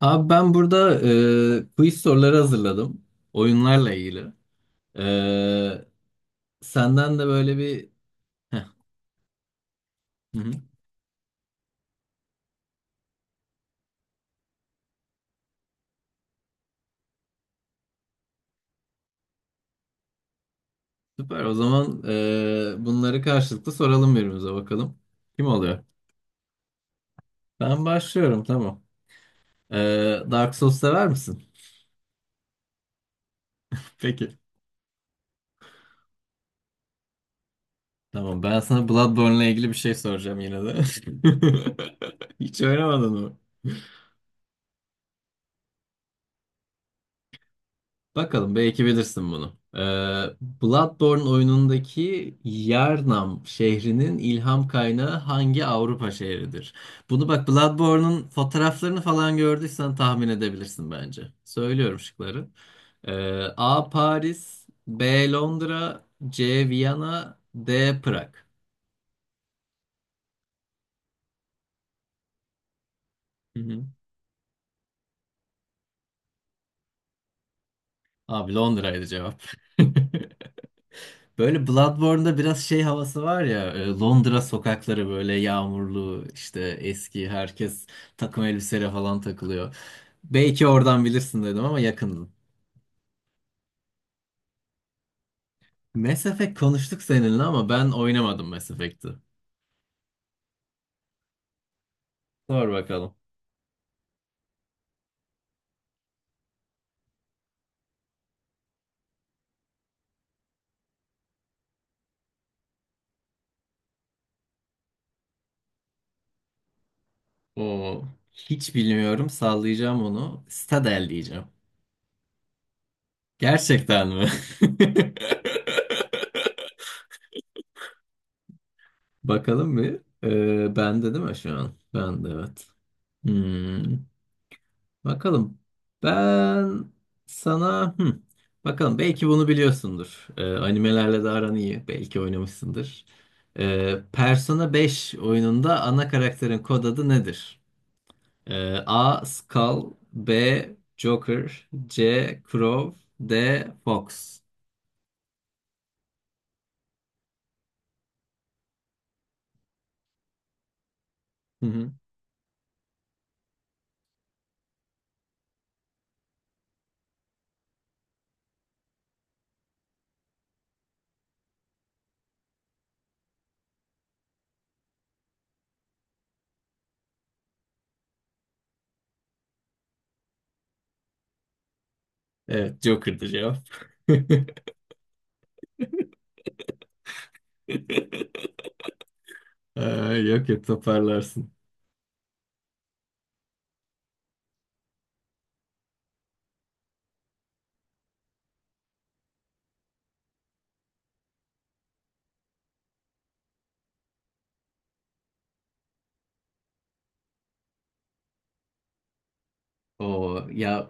Abi ben burada quiz soruları hazırladım. Oyunlarla ilgili. E, Senden de böyle bir... Heh, hı hı. Süper. O zaman bunları karşılıklı soralım birbirimize bakalım. Kim oluyor? Ben başlıyorum, tamam. E, Dark Souls sever misin? Peki. Tamam, ben sana Bloodborne'la ilgili bir şey soracağım yine de. Hiç oynamadın mı? Bakalım, belki bilirsin bunu. Bloodborne oyunundaki Yharnam şehrinin ilham kaynağı hangi Avrupa şehridir? Bunu bak, Bloodborne'un fotoğraflarını falan gördüysen tahmin edebilirsin bence. Söylüyorum şıkları. Ee, A. Paris, B. Londra, C. Viyana, D. Prag. Hı hı. Abi Londra'ydı cevap. Böyle Bloodborne'da biraz şey havası var ya, Londra sokakları böyle yağmurlu, işte eski, herkes takım elbiseyle falan takılıyor. Belki oradan bilirsin dedim ama yakındın. Mass Effect konuştuk seninle ama ben oynamadım Mass Effect'i. Sor bakalım. Oo, hiç bilmiyorum, sallayacağım onu. Citadel diyeceğim. Gerçekten mi? Bakalım bir. Bende değil mi şu an? Bende, evet. Hmm. Bakalım. Ben sana bakalım, belki bunu biliyorsundur. Animelerle de aran iyi. Belki oynamışsındır. Persona 5 oyununda ana karakterin kod adı nedir? A. Skull, B. Joker, C. Crow, D. Fox. Hı hı. Evet, Joker'dı cevap. Ee, yok yok, toparlarsın. O ya,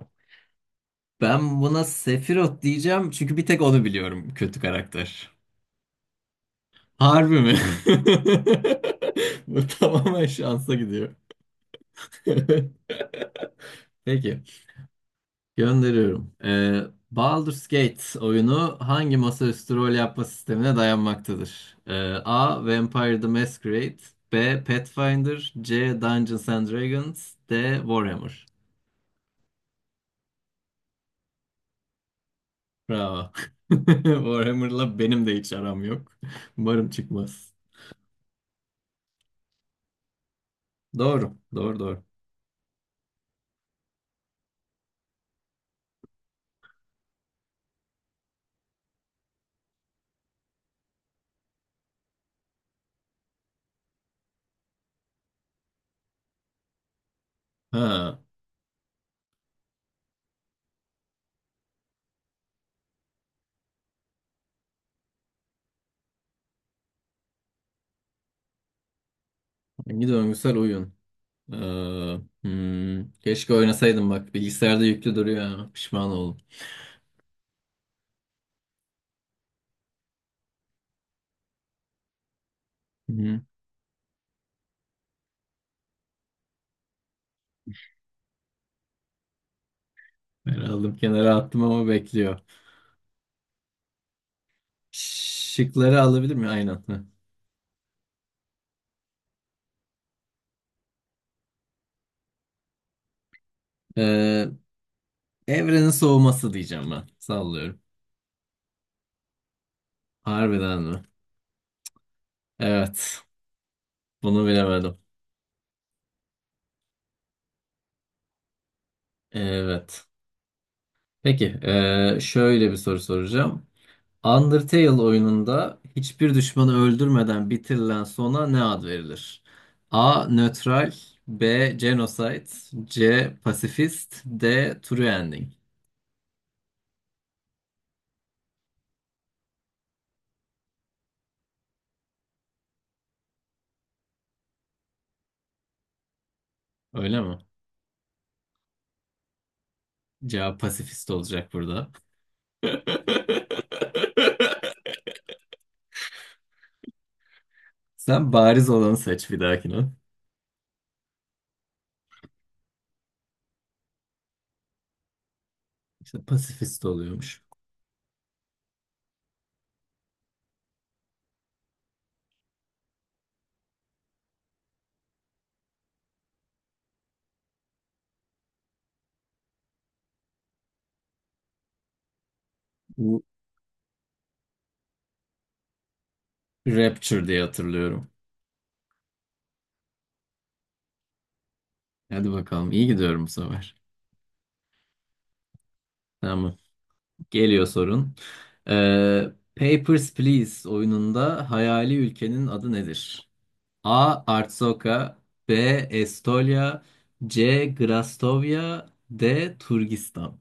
ben buna Sephiroth diyeceğim çünkü bir tek onu biliyorum kötü karakter. Harbi mi? Bu tamamen şansa gidiyor. Peki, gönderiyorum. Baldur's Gate oyunu hangi masaüstü rol yapma sistemine dayanmaktadır? A. Vampire the Masquerade, B. Pathfinder, C. Dungeons and Dragons, D. Warhammer. Bravo. Warhammer'la benim de hiç aram yok. Umarım çıkmaz. Doğru, doğru, doğru. Ha, hangi döngüsel oyun? Ee, keşke oynasaydım bak. Bilgisayarda yüklü duruyor ha. Pişman oldum. Hı-hı. Ben aldım kenara attım ama bekliyor. Şıkları alabilir mi? Aynen. Hı. Ee, evrenin soğuması diyeceğim ben. Sallıyorum. Harbiden mi? Evet. Bunu bilemedim. Evet. Peki. Şöyle bir soru soracağım. Undertale oyununda hiçbir düşmanı öldürmeden bitirilen sona ne ad verilir? A. Nötral, B. Genocide, C. Pasifist, D. True Ending. Öyle mi? Cevap pasifist olacak burada. Sen bariz olanı seç bir dahakine. İşte pasifist oluyormuş. Bu Rapture diye hatırlıyorum. Hadi bakalım, iyi gidiyorum bu sefer. Tamam. Geliyor sorun. Papers, Please oyununda hayali ülkenin adı nedir? A. Artsoka, B. Estolia, C. Grastovya, D. Turgistan.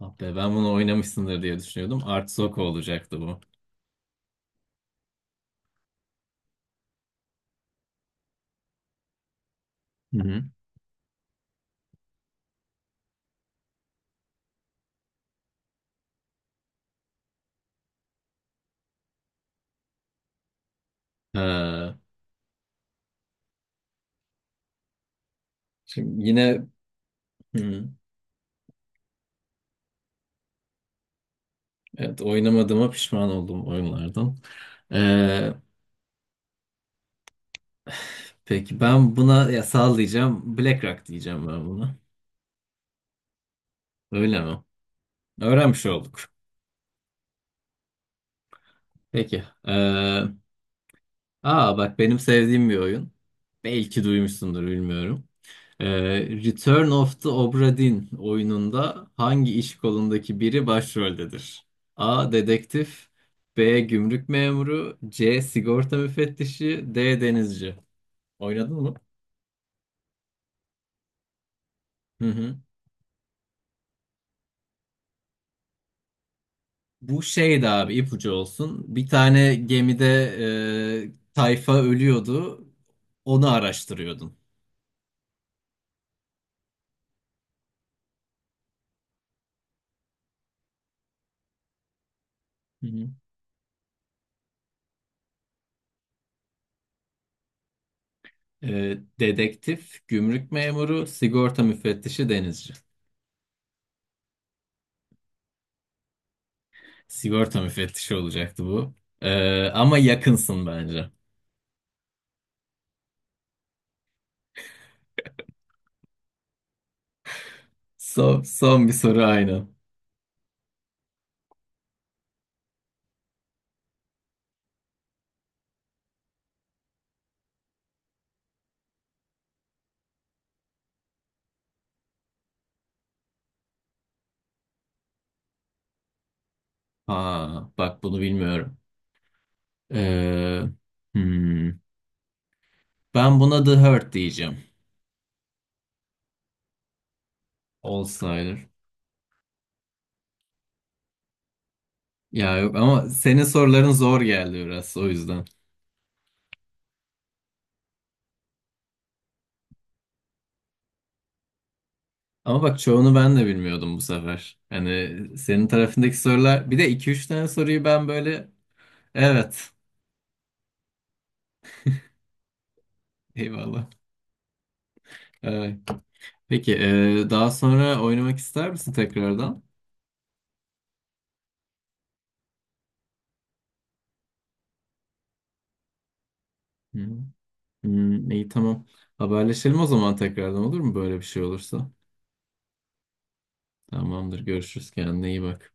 Ah be, ben bunu oynamışsındır diye düşünüyordum. Artsoka olacaktı bu. Hı hı. Ee, şimdi yine, hı, evet, oynamadığıma pişman oldum oyunlardan. Ee, peki ben buna ya sallayacağım. Black Rock diyeceğim ben buna. Öyle mi? Öğrenmiş olduk. Peki. Aa bak, benim sevdiğim bir oyun. Belki duymuşsundur, bilmiyorum. Ee, Return of the Obra Dinn oyununda hangi iş kolundaki biri başroldedir? A. Dedektif, B. Gümrük memuru, C. Sigorta müfettişi, D. Denizci. Oynadın mı? Hı hı. Bu şeydi abi, ipucu olsun. Bir tane gemide tayfa ölüyordu. Onu araştırıyordun. Hı hı. E, dedektif, gümrük memuru, sigorta müfettişi, denizci. Sigorta müfettişi olacaktı bu. E, ama yakınsın bence. Son, son bir soru aynı. Ha, bak bunu bilmiyorum. E, hmm, ben buna The Hurt diyeceğim. Olsaydı. Ya yok, ama senin soruların zor geldi biraz, o yüzden. Ama bak, çoğunu ben de bilmiyordum bu sefer. Hani senin tarafındaki sorular, bir de iki üç tane soruyu ben böyle, evet, eyvallah. Evet. Peki, daha sonra oynamak ister misin tekrardan? Hı. Hmm, iyi, tamam. Haberleşelim o zaman tekrardan, olur mu böyle bir şey olursa? Tamamdır, görüşürüz. Kendine iyi bak.